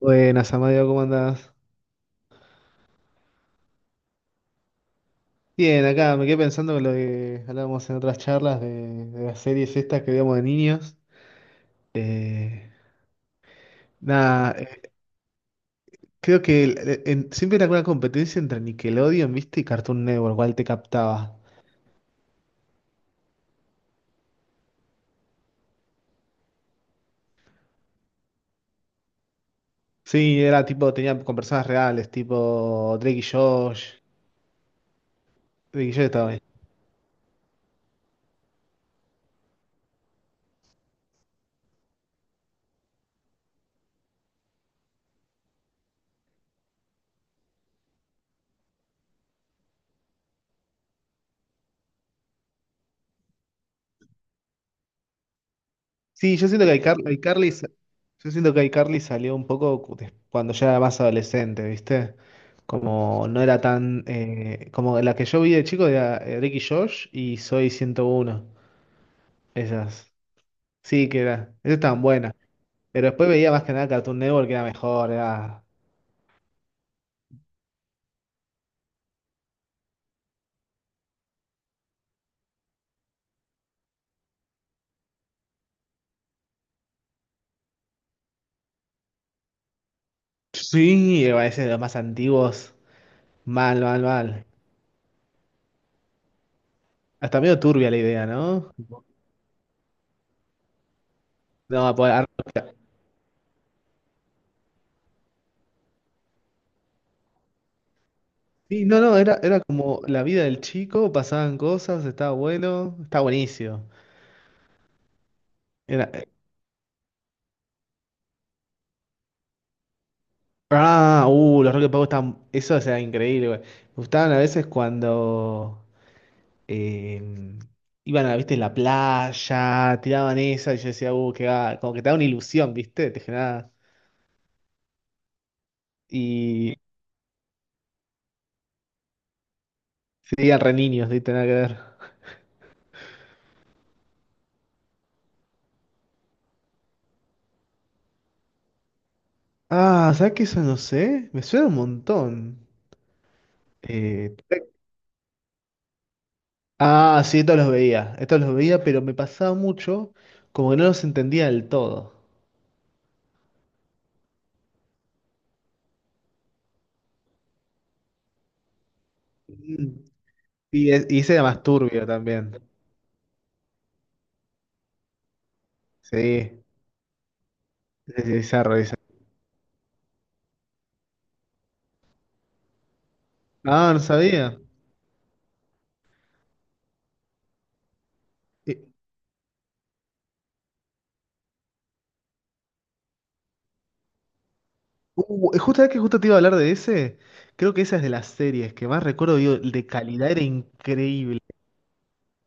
Buenas, Amadeo, ¿cómo andás? Bien, acá me quedé pensando en lo que hablábamos en otras charlas de las series estas que veíamos de niños. Eh, nada, creo que siempre era una competencia entre Nickelodeon, ¿viste? Y Cartoon Network, cuál te captaba. Sí, era tipo, tenía con personas reales, tipo Drake y Josh. Drake y Josh estaba. Sí, yo siento que yo siento que iCarly salió un poco cuando ya era más adolescente, ¿viste? Como no era tan como la que yo vi de chico era Drake y Josh y Soy 101, esas. Sí, que era. Esas estaban buenas. Pero después veía más que nada Cartoon Network, que era mejor. Era... sí, a veces los más antiguos. Mal, mal, mal. Hasta medio turbia la idea, ¿no? No, pues, sí, no, era, era como la vida del chico, pasaban cosas, estaba bueno, estaba buenísimo. Era- ah, los Rocket Power estaban. Eso era increíble, güey. Me gustaban a veces cuando eh, iban a, viste, la playa, tiraban esa, y yo decía, que va, como que te da una ilusión, ¿viste? Te generaba. Y seguían re niños, ¿viste? Nada que ver. Ah, ¿sabes qué? Eso no sé. Me suena un montón. Eh, ah, sí, estos los veía. Estos los veía, pero me pasaba mucho como que no los entendía del todo. Mm. Y, y ese era más turbio también. Sí. Es bizarro, es bizarro. Ah, no sabía. Eh, justo que justo te iba a hablar de ese, creo que esa es de las series que más recuerdo, digo, de calidad era increíble,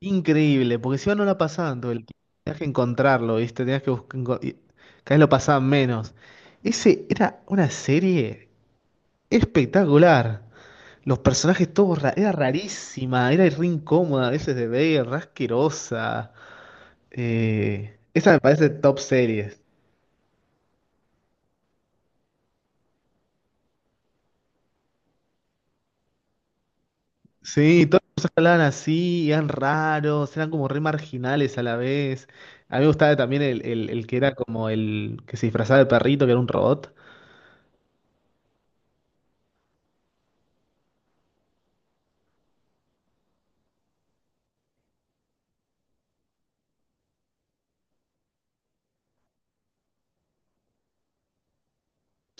increíble, porque si no, no la pasaban todo el tiempo, tenías que encontrarlo, ¿viste? Tenías que buscar, y cada vez lo pasaban menos. Ese era una serie espectacular. Los personajes todos, era rarísima, era re incómoda a veces de ver, re asquerosa. Esa me parece top series. Sí, y todas las cosas que hablaban así, eran raros, eran como re marginales a la vez. A mí me gustaba también el que era como el que se disfrazaba de perrito, que era un robot.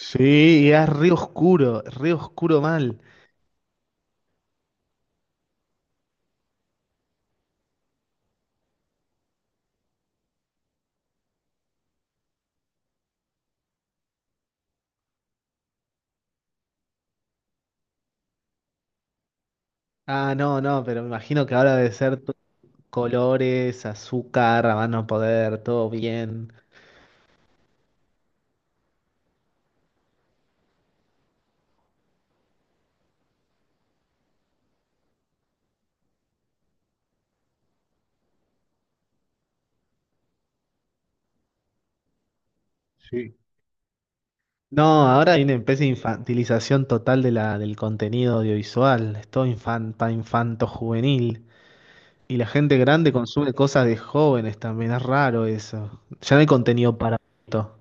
Sí, y era re oscuro mal. Ah, no, no, pero me imagino que ahora debe ser colores, azúcar, a más no poder, todo bien. Sí. No, ahora hay una especie de infantilización total de del contenido audiovisual. Es todo infan, para infanto juvenil. Y la gente grande consume cosas de jóvenes también, es raro eso. Ya no hay contenido para esto.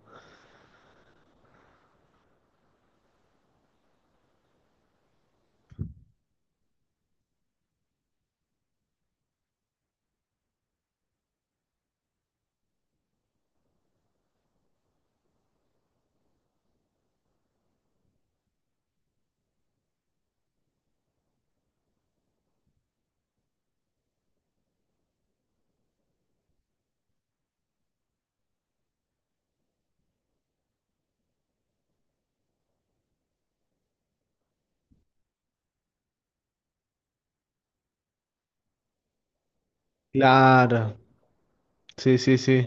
Claro, sí, sí, sí,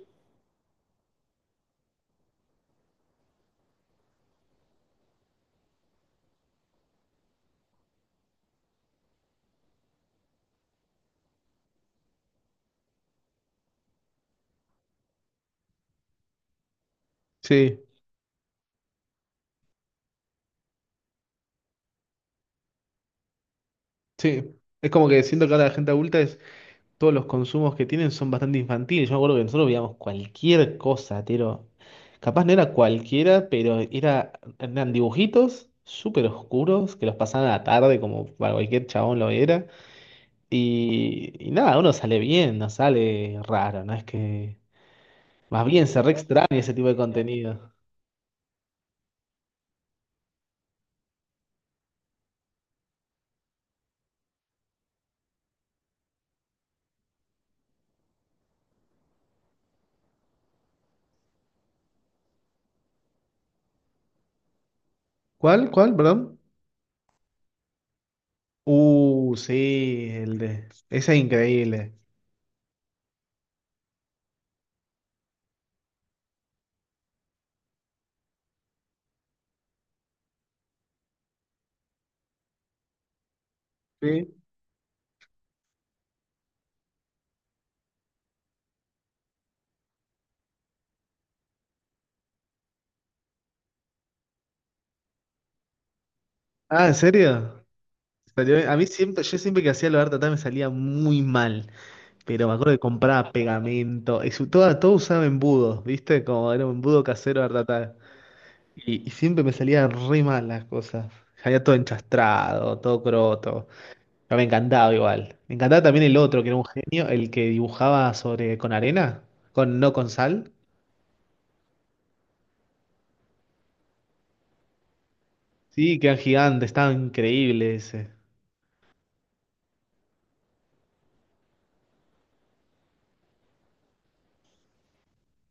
sí, sí. Es como que siento que ahora la gente adulta es, todos los consumos que tienen son bastante infantiles. Yo me acuerdo que nosotros veíamos cualquier cosa, tiro. Capaz no era cualquiera, pero era, eran dibujitos súper oscuros que los pasaban a la tarde como para cualquier chabón lo era. Y nada, uno sale bien, no sale raro, no es que... más bien se re extraña ese tipo de contenido. ¿Cuál? ¿Cuál? Perdón. Sí, el de. Ese es increíble. Sí. Ah, ¿en serio? Salió... a mí siempre, yo siempre que hacía lo de arte me salía muy mal. Pero me acuerdo que compraba pegamento. Y toda, todo usaba embudos, ¿viste? Como era un embudo casero de arte. Y siempre me salía re mal las cosas. Salía todo enchastrado, todo croto. Pero me encantaba igual. Me encantaba también el otro, que era un genio, el que dibujaba sobre con arena, con no con sal. Sí, que eran gigantes, estaba increíble ese.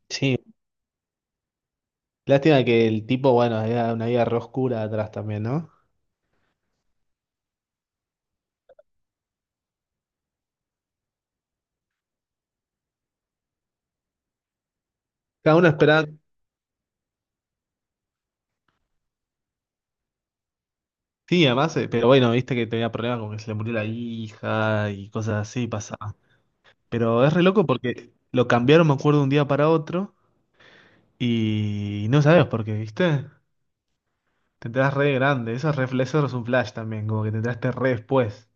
Sí, lástima que el tipo, bueno, era una vida re oscura atrás también, ¿no? Cada uno esperaba. Sí, además, pero bueno, viste que tenía problemas con que se le murió la hija y cosas así pasaba. Pero es re loco porque lo cambiaron, me acuerdo, de un día para otro y no sabes por qué, ¿viste? Te enterás re grande, eso es, eso es un flash también, como que te enteraste re después.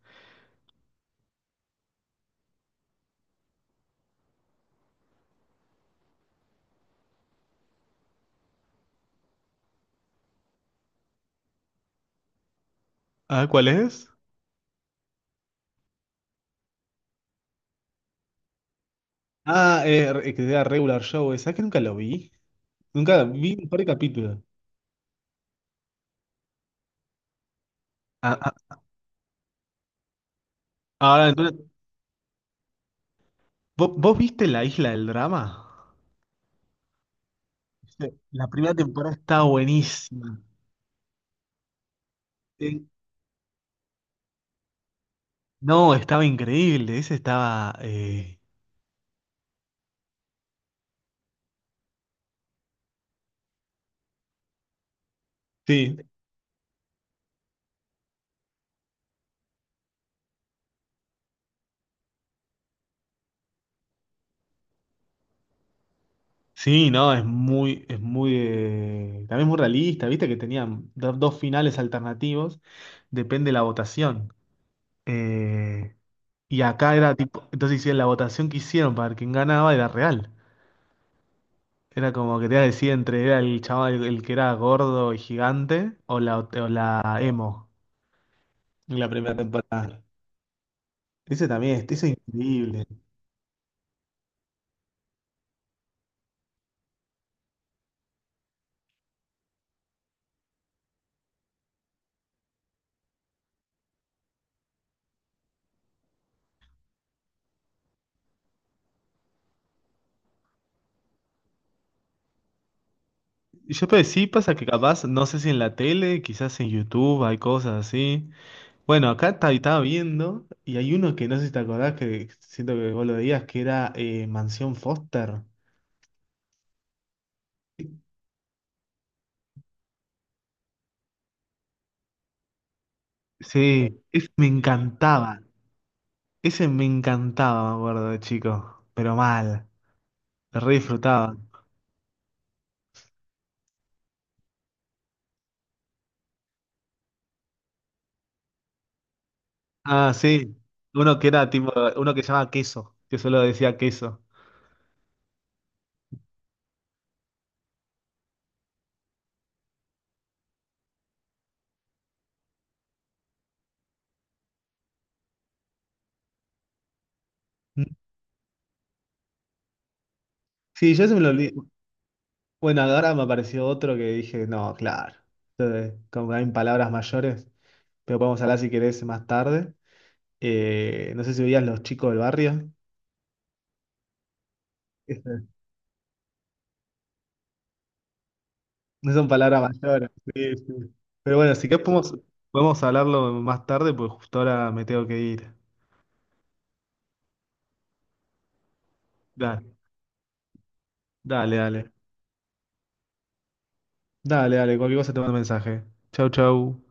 Ah, ¿cuál es? Ah, que era Regular Show, ¿sabes que nunca lo vi? Nunca vi un par de capítulos. Ah, ah, ahora, entonces, ¿vos viste La Isla del Drama? Viste, la primera temporada estaba buenísima. Sí, no, estaba increíble. Ese estaba. Sí, sí, no, es muy, también muy realista, viste que tenían dos finales alternativos, depende de la votación. Eh, y acá era tipo, entonces hicieron la votación que hicieron para quien ganaba era real. Era como que te decía entre era el chaval el que era gordo y gigante o la emo en la primera temporada. Ese también, este es increíble. Y yo pero sí pasa que capaz, no sé si en la tele, quizás en YouTube hay cosas así. Bueno, acá estaba viendo y hay uno que no sé si te acordás que siento que vos lo veías, que era Mansión Foster. Sí, ese me encantaba. Ese me encantaba, me acuerdo de chico, pero mal, lo re disfrutaba. Ah, sí. Uno que era tipo, uno que se llamaba Queso, que solo decía queso. Mm. Sí, yo se me lo olvidé. Bueno, ahora me apareció otro que dije, no, claro. Entonces, como hay palabras mayores, pero podemos hablar si querés más tarde. No sé si veías Los Chicos del Barrio. Este, no son palabras mayores. Sí, sí. Pero bueno, si querés podemos, podemos hablarlo más tarde, porque justo ahora me tengo que ir. Dale, dale, dale. Dale, dale, cualquier cosa te mando un mensaje. Chau, chau.